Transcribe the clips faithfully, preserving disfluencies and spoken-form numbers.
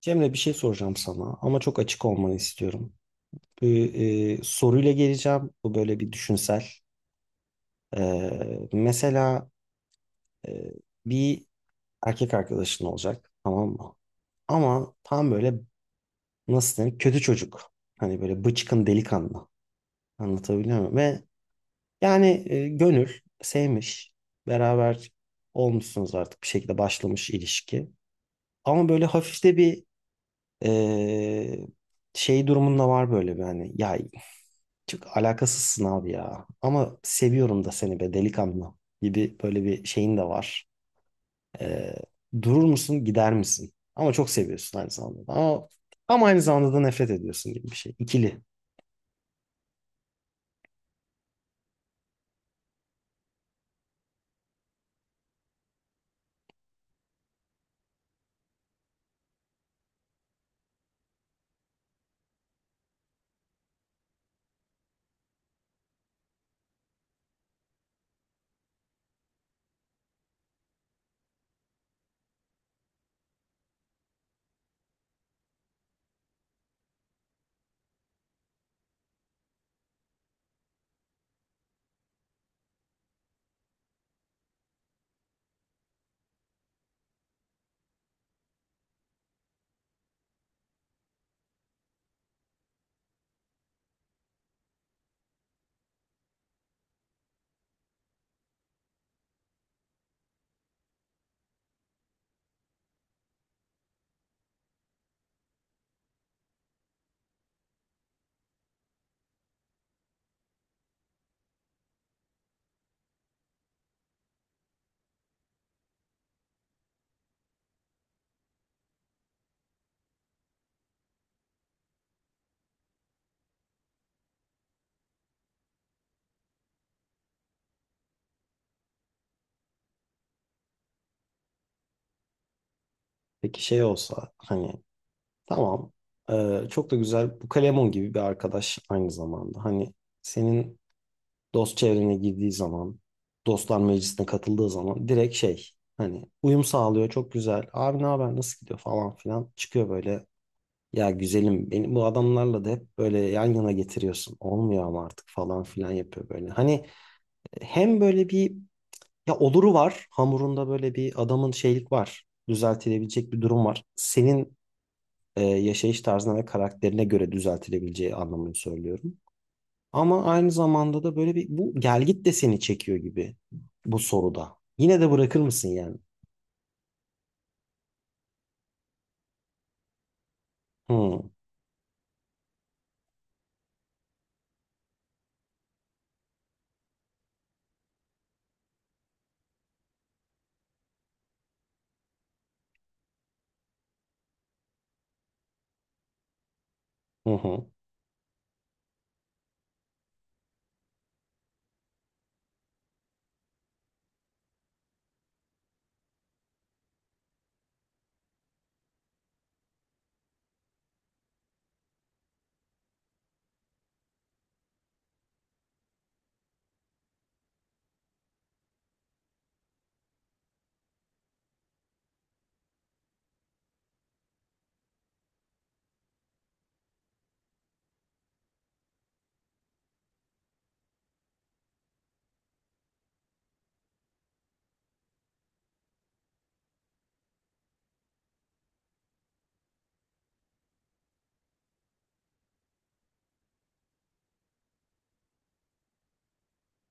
Cemre bir şey soracağım sana ama çok açık olmanı istiyorum. Bu e, soruyla geleceğim. Bu böyle bir düşünsel. E, mesela e, bir erkek arkadaşın olacak, tamam mı? Ama tam böyle, nasıl denir, kötü çocuk. Hani böyle bıçkın delikanlı. Anlatabiliyor muyum? Ve yani e, gönül sevmiş. Beraber olmuşsunuz, artık bir şekilde başlamış ilişki. Ama böyle hafif de bir e, şey durumunda var, böyle bir hani, ya çok alakasızsın abi ya. Ama seviyorum da seni be delikanlı gibi böyle bir şeyin de var. Ee, Durur musun, gider misin? Ama çok seviyorsun aynı zamanda da. Ama, ama aynı zamanda da nefret ediyorsun gibi bir şey. İkili. Peki şey olsa, hani tamam, ee, çok da güzel bu Kalemon gibi bir arkadaş aynı zamanda. Hani senin dost çevrene girdiği zaman, dostlar meclisine katıldığı zaman direkt şey, hani uyum sağlıyor çok güzel. Abi ne haber, nasıl gidiyor falan filan çıkıyor böyle. Ya güzelim, beni bu adamlarla da hep böyle yan yana getiriyorsun. Olmuyor ama artık falan filan yapıyor böyle. Hani e, hem böyle bir, ya oluru var. Hamurunda böyle bir adamın şeylik var. Düzeltilebilecek bir durum var. Senin e, yaşayış tarzına ve karakterine göre düzeltilebileceği anlamını söylüyorum. Ama aynı zamanda da böyle bir, bu gelgit de seni çekiyor gibi bu soruda. Yine de bırakır mısın yani? Hı hı. Hı.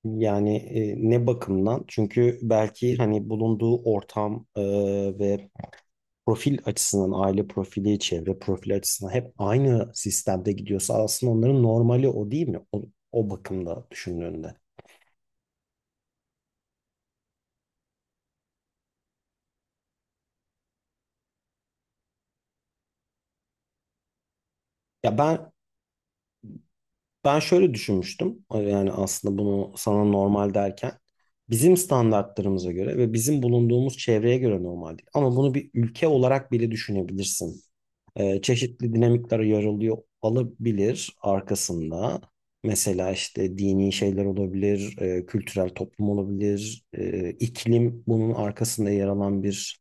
Yani e, ne bakımdan? Çünkü belki hani bulunduğu ortam e, ve profil açısından, aile profili, çevre profili açısından hep aynı sistemde gidiyorsa aslında onların normali o değil mi? O, o bakımda düşündüğünde. Ya ben, ben şöyle düşünmüştüm. e, Yani aslında bunu sana normal derken bizim standartlarımıza göre ve bizim bulunduğumuz çevreye göre normal değil. Ama bunu bir ülke olarak bile düşünebilirsin. Ee, çeşitli dinamikler yarılıyor olabilir arkasında. Mesela işte dini şeyler olabilir, e, kültürel toplum olabilir, e, iklim bunun arkasında yer alan bir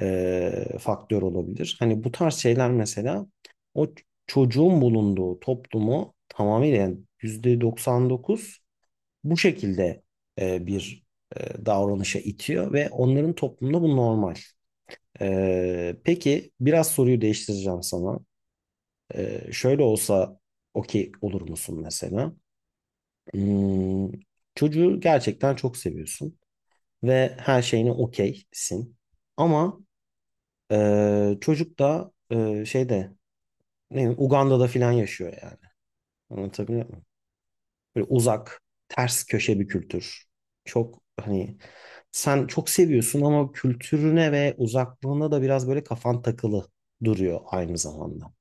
e, faktör olabilir. Hani bu tarz şeyler mesela o çocuğun bulunduğu toplumu tamamıyla, yani yüzde doksan dokuz bu şekilde e, bir e, davranışa itiyor ve onların toplumunda bu normal. E, peki biraz soruyu değiştireceğim sana. E, şöyle olsa okey olur musun mesela? Hmm, çocuğu gerçekten çok seviyorsun ve her şeyine okeysin. Ama e, çocuk da e, şeyde, ne bileyim, Uganda'da filan yaşıyor yani. Anlatabiliyor muyum? Böyle uzak, ters köşe bir kültür. Çok hani sen çok seviyorsun ama kültürüne ve uzaklığına da biraz böyle kafan takılı duruyor aynı zamanda.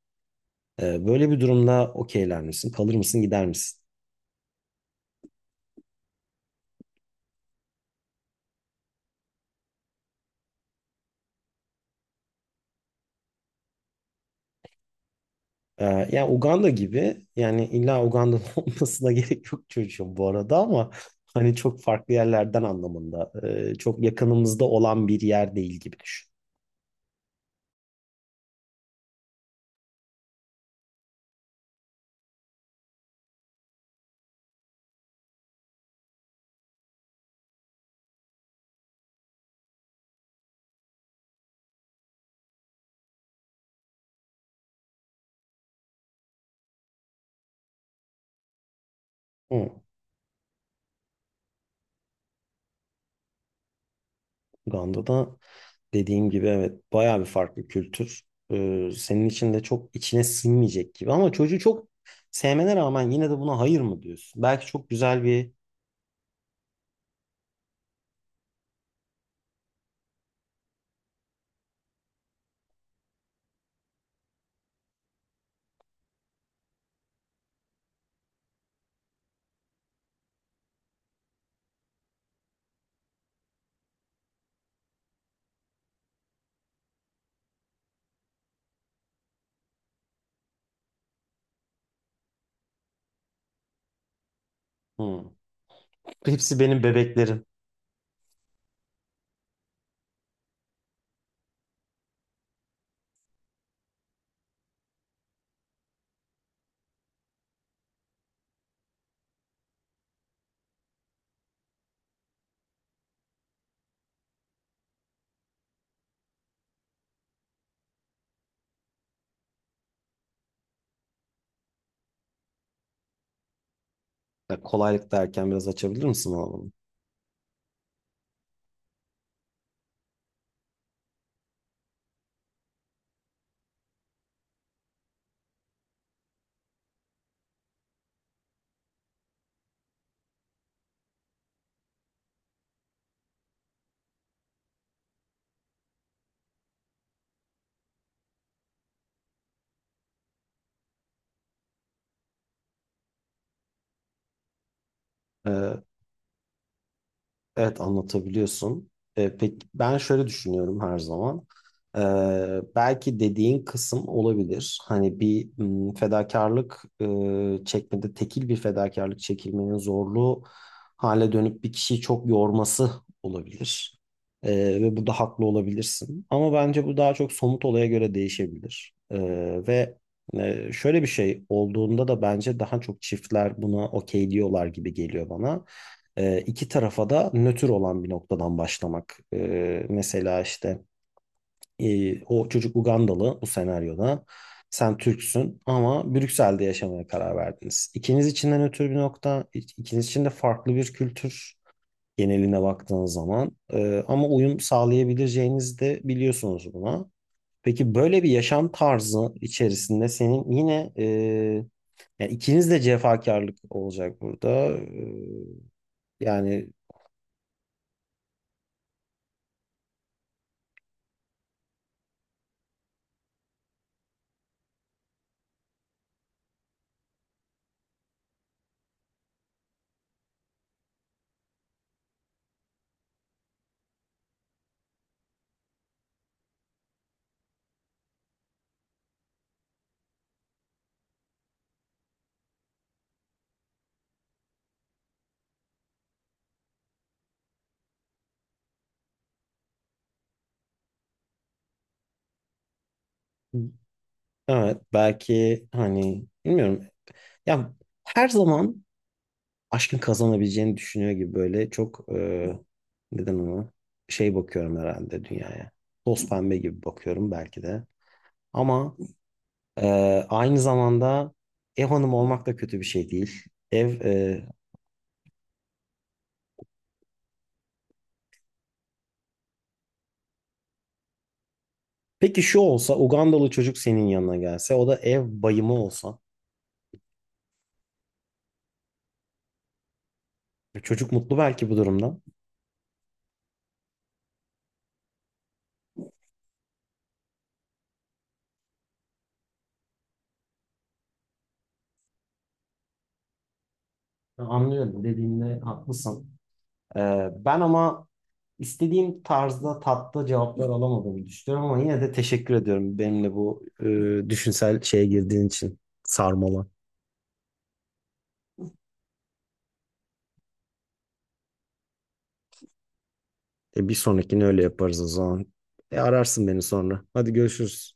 Ee, böyle bir durumda okeyler misin? Kalır mısın, gider misin? Ee, Yani Uganda gibi, yani illa Uganda'nın olmasına gerek yok çocuğum bu arada, ama hani çok farklı yerlerden anlamında. Ee, çok yakınımızda olan bir yer değil gibi düşün. Hı, Uganda'da, dediğim gibi, evet bayağı bir farklı kültür. Ee, senin için de çok içine sinmeyecek gibi ama çocuğu çok sevmene rağmen yine de buna hayır mı diyorsun? Belki çok güzel bir. Hmm. Hepsi benim bebeklerim. Ya kolaylık derken biraz açabilir misin bana bunu? Evet, anlatabiliyorsun. E, peki ben şöyle düşünüyorum her zaman. E, Belki dediğin kısım olabilir. Hani bir, m, fedakarlık e, çekmede, tekil bir fedakarlık çekilmenin zorluğu hale dönüp bir kişiyi çok yorması olabilir. E, Ve burada haklı olabilirsin. Ama bence bu daha çok somut olaya göre değişebilir. E, ve e, şöyle bir şey olduğunda da bence daha çok çiftler buna okey diyorlar gibi geliyor bana. E, iki tarafa da nötr olan bir noktadan başlamak. E, mesela işte e, o çocuk Ugandalı bu senaryoda. Sen Türksün ama Brüksel'de yaşamaya karar verdiniz. İkiniz için de nötr bir nokta, ikiniz için de farklı bir kültür geneline baktığınız zaman. E, ama uyum sağlayabileceğinizi de biliyorsunuz buna. Peki böyle bir yaşam tarzı içerisinde senin yine e, yani ikiniz de cefakarlık olacak burada. E, Yani evet, belki hani bilmiyorum. Ya her zaman aşkın kazanabileceğini düşünüyor gibi böyle çok e, neden ona şey bakıyorum herhalde dünyaya. Toz pembe gibi bakıyorum belki de. Ama e, aynı zamanda ev hanımı olmak da kötü bir şey değil. Ev e, peki şu olsa, Ugandalı çocuk senin yanına gelse, o da ev bayımı olsa. Çocuk mutlu belki bu durumdan. Anlıyorum, dediğinde haklısın. Ee, ben ama istediğim tarzda tatlı cevaplar alamadığımı düşünüyorum ama yine de teşekkür ediyorum benimle bu e, düşünsel şeye girdiğin için, sarmala. E, bir sonrakini öyle yaparız o zaman. E, ararsın beni sonra. Hadi görüşürüz.